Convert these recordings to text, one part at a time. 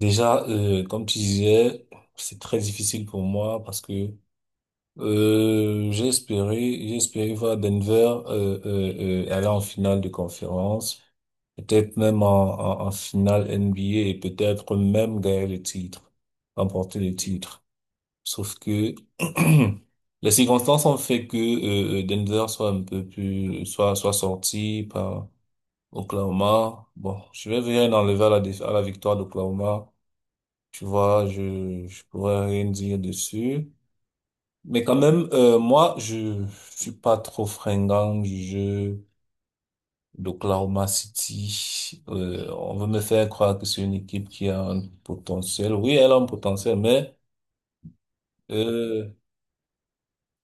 Déjà, comme tu disais, c'est très difficile pour moi parce que j'ai espéré voir Denver aller en finale de conférence, peut-être même en finale NBA et peut-être même gagner le titre, remporter le titre. Sauf que les circonstances ont fait que Denver soit un peu plus, soit soit sorti par Oklahoma. Bon, je vais venir enlever à la victoire d'Oklahoma. Tu vois, je pourrais rien dire dessus. Mais quand même, moi, je suis pas trop fringant du jeu d'Oklahoma City. On veut me faire croire que c'est une équipe qui a un potentiel. Oui, elle a un potentiel, mais euh,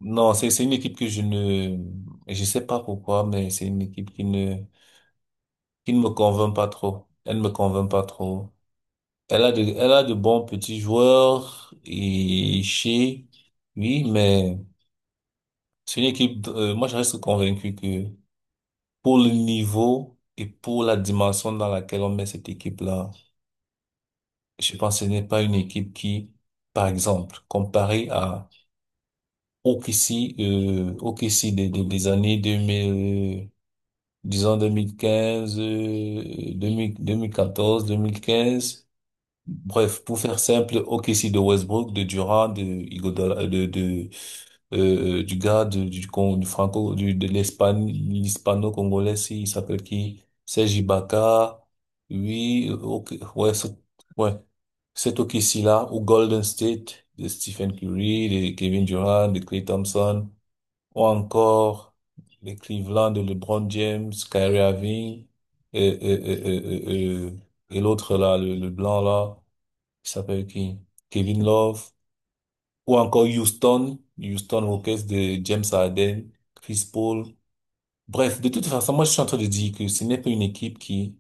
non, c'est une équipe que je ne, je sais pas pourquoi, mais c'est une équipe qui ne me convainc pas trop. Elle ne me convainc pas trop. Elle a de bons petits joueurs et chez, oui, mais c'est une équipe, moi je reste convaincu que pour le niveau et pour la dimension dans laquelle on met cette équipe-là, je pense que ce n'est pas une équipe qui, par exemple, comparée à OKC, OKC des années 2000, disons 2015, 2000 2014, 2015. Bref, pour faire simple, OKC de Westbrook, de Durant, de Iguodala, de du gars de- du, con- du franco, du, de l'Espagne, l'hispano-congolais, si, il s'appelle qui? Serge Ibaka. Oui, ok, ouais, ouais, cet OKC-là, ou Golden State, de Stephen Curry, de Kevin Durant, de Klay Thompson, ou encore les Cleveland, de LeBron James, Kyrie Irving, et, et, et, et, et, et- et l'autre là, le blanc là. Il s'appelle qui? Kevin Love. Ou encore Houston. Houston Rockets de James Harden, Chris Paul. Bref, de toute façon, moi, je suis en train de dire que ce n'est pas une équipe qui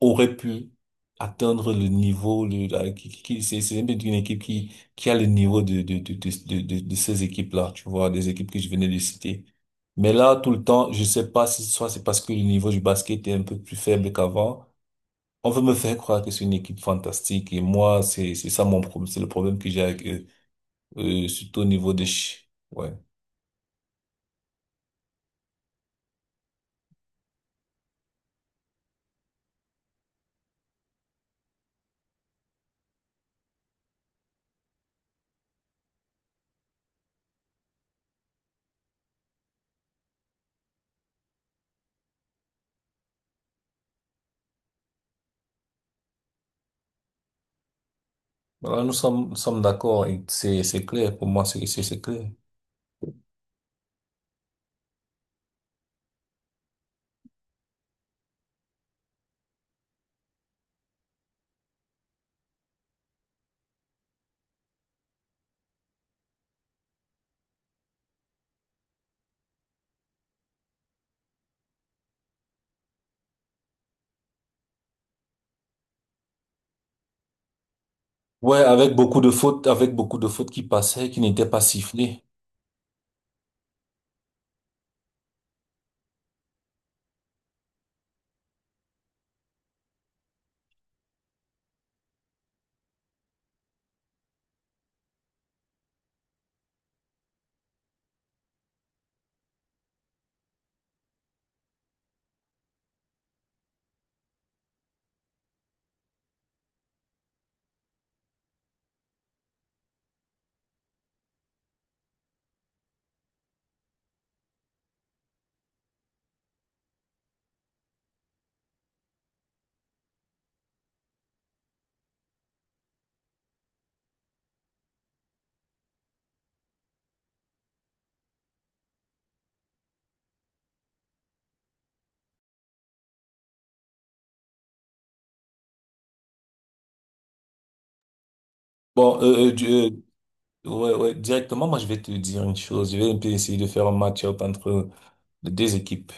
aurait pu atteindre le niveau, le, la- qui- C'est une équipe qui a le niveau de ces équipes-là, tu vois, des équipes que je venais de citer. Mais là, tout le temps, je sais pas si soit c'est parce que le niveau du basket est un peu plus faible qu'avant, on veut me faire croire que c'est une équipe fantastique et moi, c'est ça mon problème, c'est le problème que j'ai avec eux. Surtout au niveau des chi-. Ouais. Voilà, nous sommes d'accord et c'est clair. Pour moi, c'est clair. Ouais, avec beaucoup de fautes, avec beaucoup de fautes qui passaient, qui n'étaient pas sifflées. Bon, ouais, ouais, directement, moi, je vais te dire une chose. Je vais un peu essayer de faire un match-up entre les deux équipes.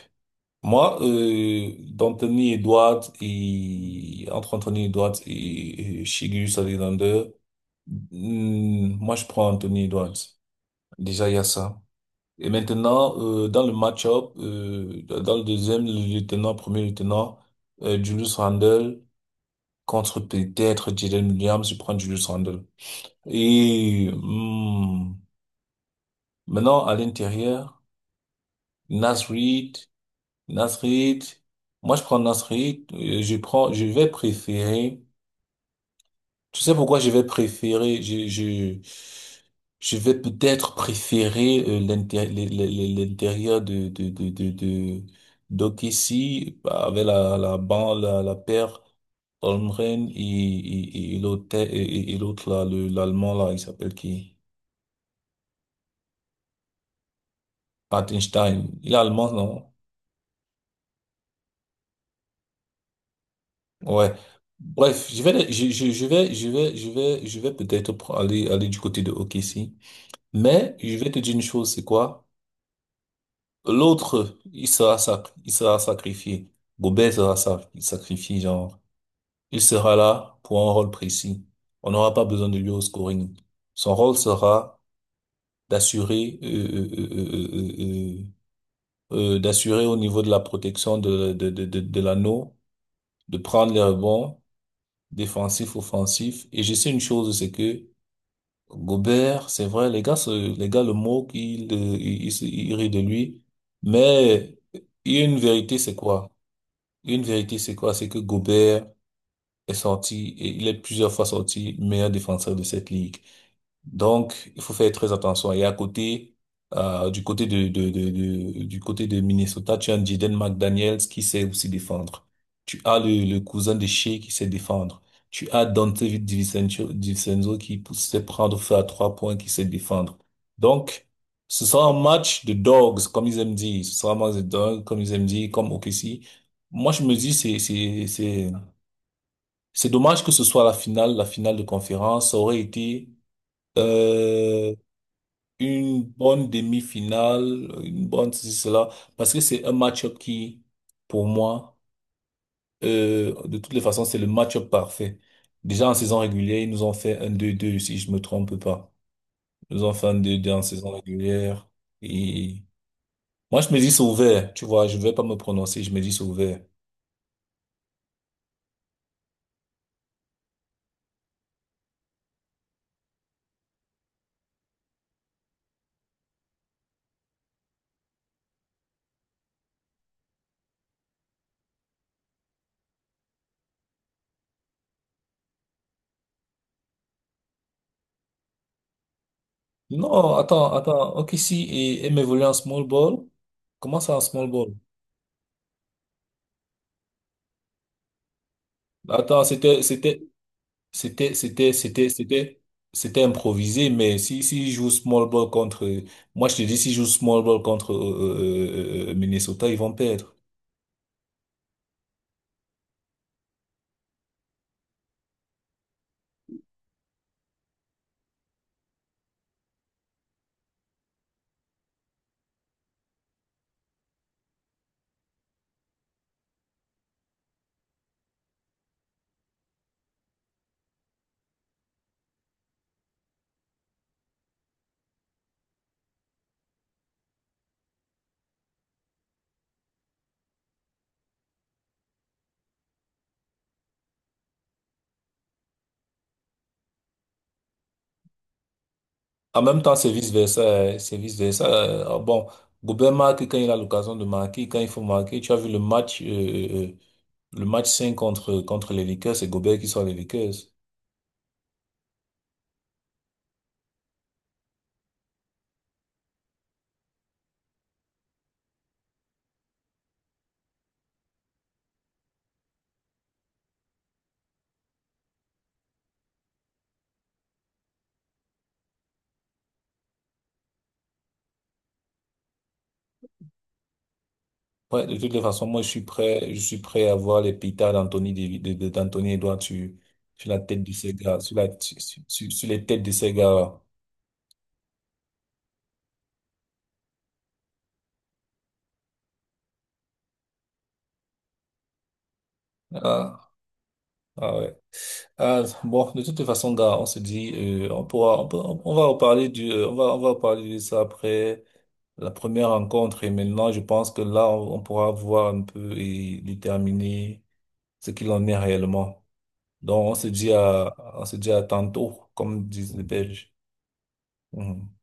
Moi, d'Anthony Edwards et entre Anthony Edwards et Shai Alexander, moi je prends Anthony Edwards. Déjà il y a ça. Et maintenant dans le match-up, dans le deuxième le lieutenant, premier lieutenant, Julius Randle contre peut-être Jalen Williams, je prends Julius Randle. Et maintenant à l'intérieur, Naz Reid Nasrid, moi je prends Nasrid, je prends, je vais préférer, tu sais pourquoi je vais préférer, je vais peut-être préférer l'intérieur d'Okessi, bah, avec la paire, Holmgren et l'autre, et l'autre là, l'allemand là, il s'appelle qui? Patenstein. Il est allemand, non? Ouais. Bref, je vais peut-être aller du côté de OKC. Mais je vais te dire une chose, c'est quoi? L'autre, il sera sacrifié. Gobert sera sacrifié, genre. Il sera là pour un rôle précis. On n'aura pas besoin de lui au scoring. Son rôle sera d'assurer, euh, euh, euh, euh, euh, d'assurer au niveau de la protection de l'anneau, de prendre les rebonds défensif, offensif. Et je sais une chose, c'est que Gobert, c'est vrai, les gars, les gars le moquent, ils rient de lui. Mais il y a une vérité, c'est quoi? Une vérité, c'est quoi? C'est que Gobert est sorti, et il est plusieurs fois sorti meilleur défenseur de cette ligue. Donc, il faut faire très attention. Et à côté, du côté de Minnesota, tu as un Jaden McDaniels qui sait aussi défendre. Tu as le cousin de Shea qui sait défendre. Tu as Dante DiVincenzo qui sait prendre feu à 3 points, qui sait défendre. Donc, ce sera un match de dogs, comme ils aiment dire. Ce sera un match de dogs, comme ils aiment dire, comme OKC. Moi, je me dis, c'est dommage que ce soit la finale de conférence. Ça aurait été euh, une bonne demi-finale, une bonne ceci, cela, parce que c'est un match-up qui, pour moi, de toutes les façons, c'est le match-up parfait. Déjà en saison régulière, ils nous ont fait un 2-2 si je me trompe pas. Ils nous ont fait un deux deux en saison régulière. Et moi, je me dis c'est ouvert, tu vois, je vais pas me prononcer, je me dis c'est ouvert. Non, attends, attends. Ok, si et m'évoluer en small ball. Comment ça en small ball? Attends, c'était, c'était, c'était, c'était, c'était improvisé, mais si joue small ball contre, moi je te dis, si joue small ball contre Minnesota, ils vont perdre. En même temps, c'est vice-versa, hein, c'est vice-versa. Ah bon, Gobert marque quand il a l'occasion de marquer, quand il faut marquer. Tu as vu le match 5 contre les Lakers, c'est Gobert qui sort les Lakers. Ouais, de toutes les façons, moi, je suis prêt à voir les pétards d'Anthony, Davi- de- d'Anthony Edouard sur la tête de ces gars, sur la, sur, sur- sur les têtes de ces gars. Ah, ah ouais. Ah, bon, de toutes les façons, gars, on se dit, on va reparler de ça après la première rencontre. Et maintenant, je pense que là, on pourra voir un peu et déterminer ce qu'il en est réellement. Donc, on se dit à tantôt, comme disent les Belges. Mhm.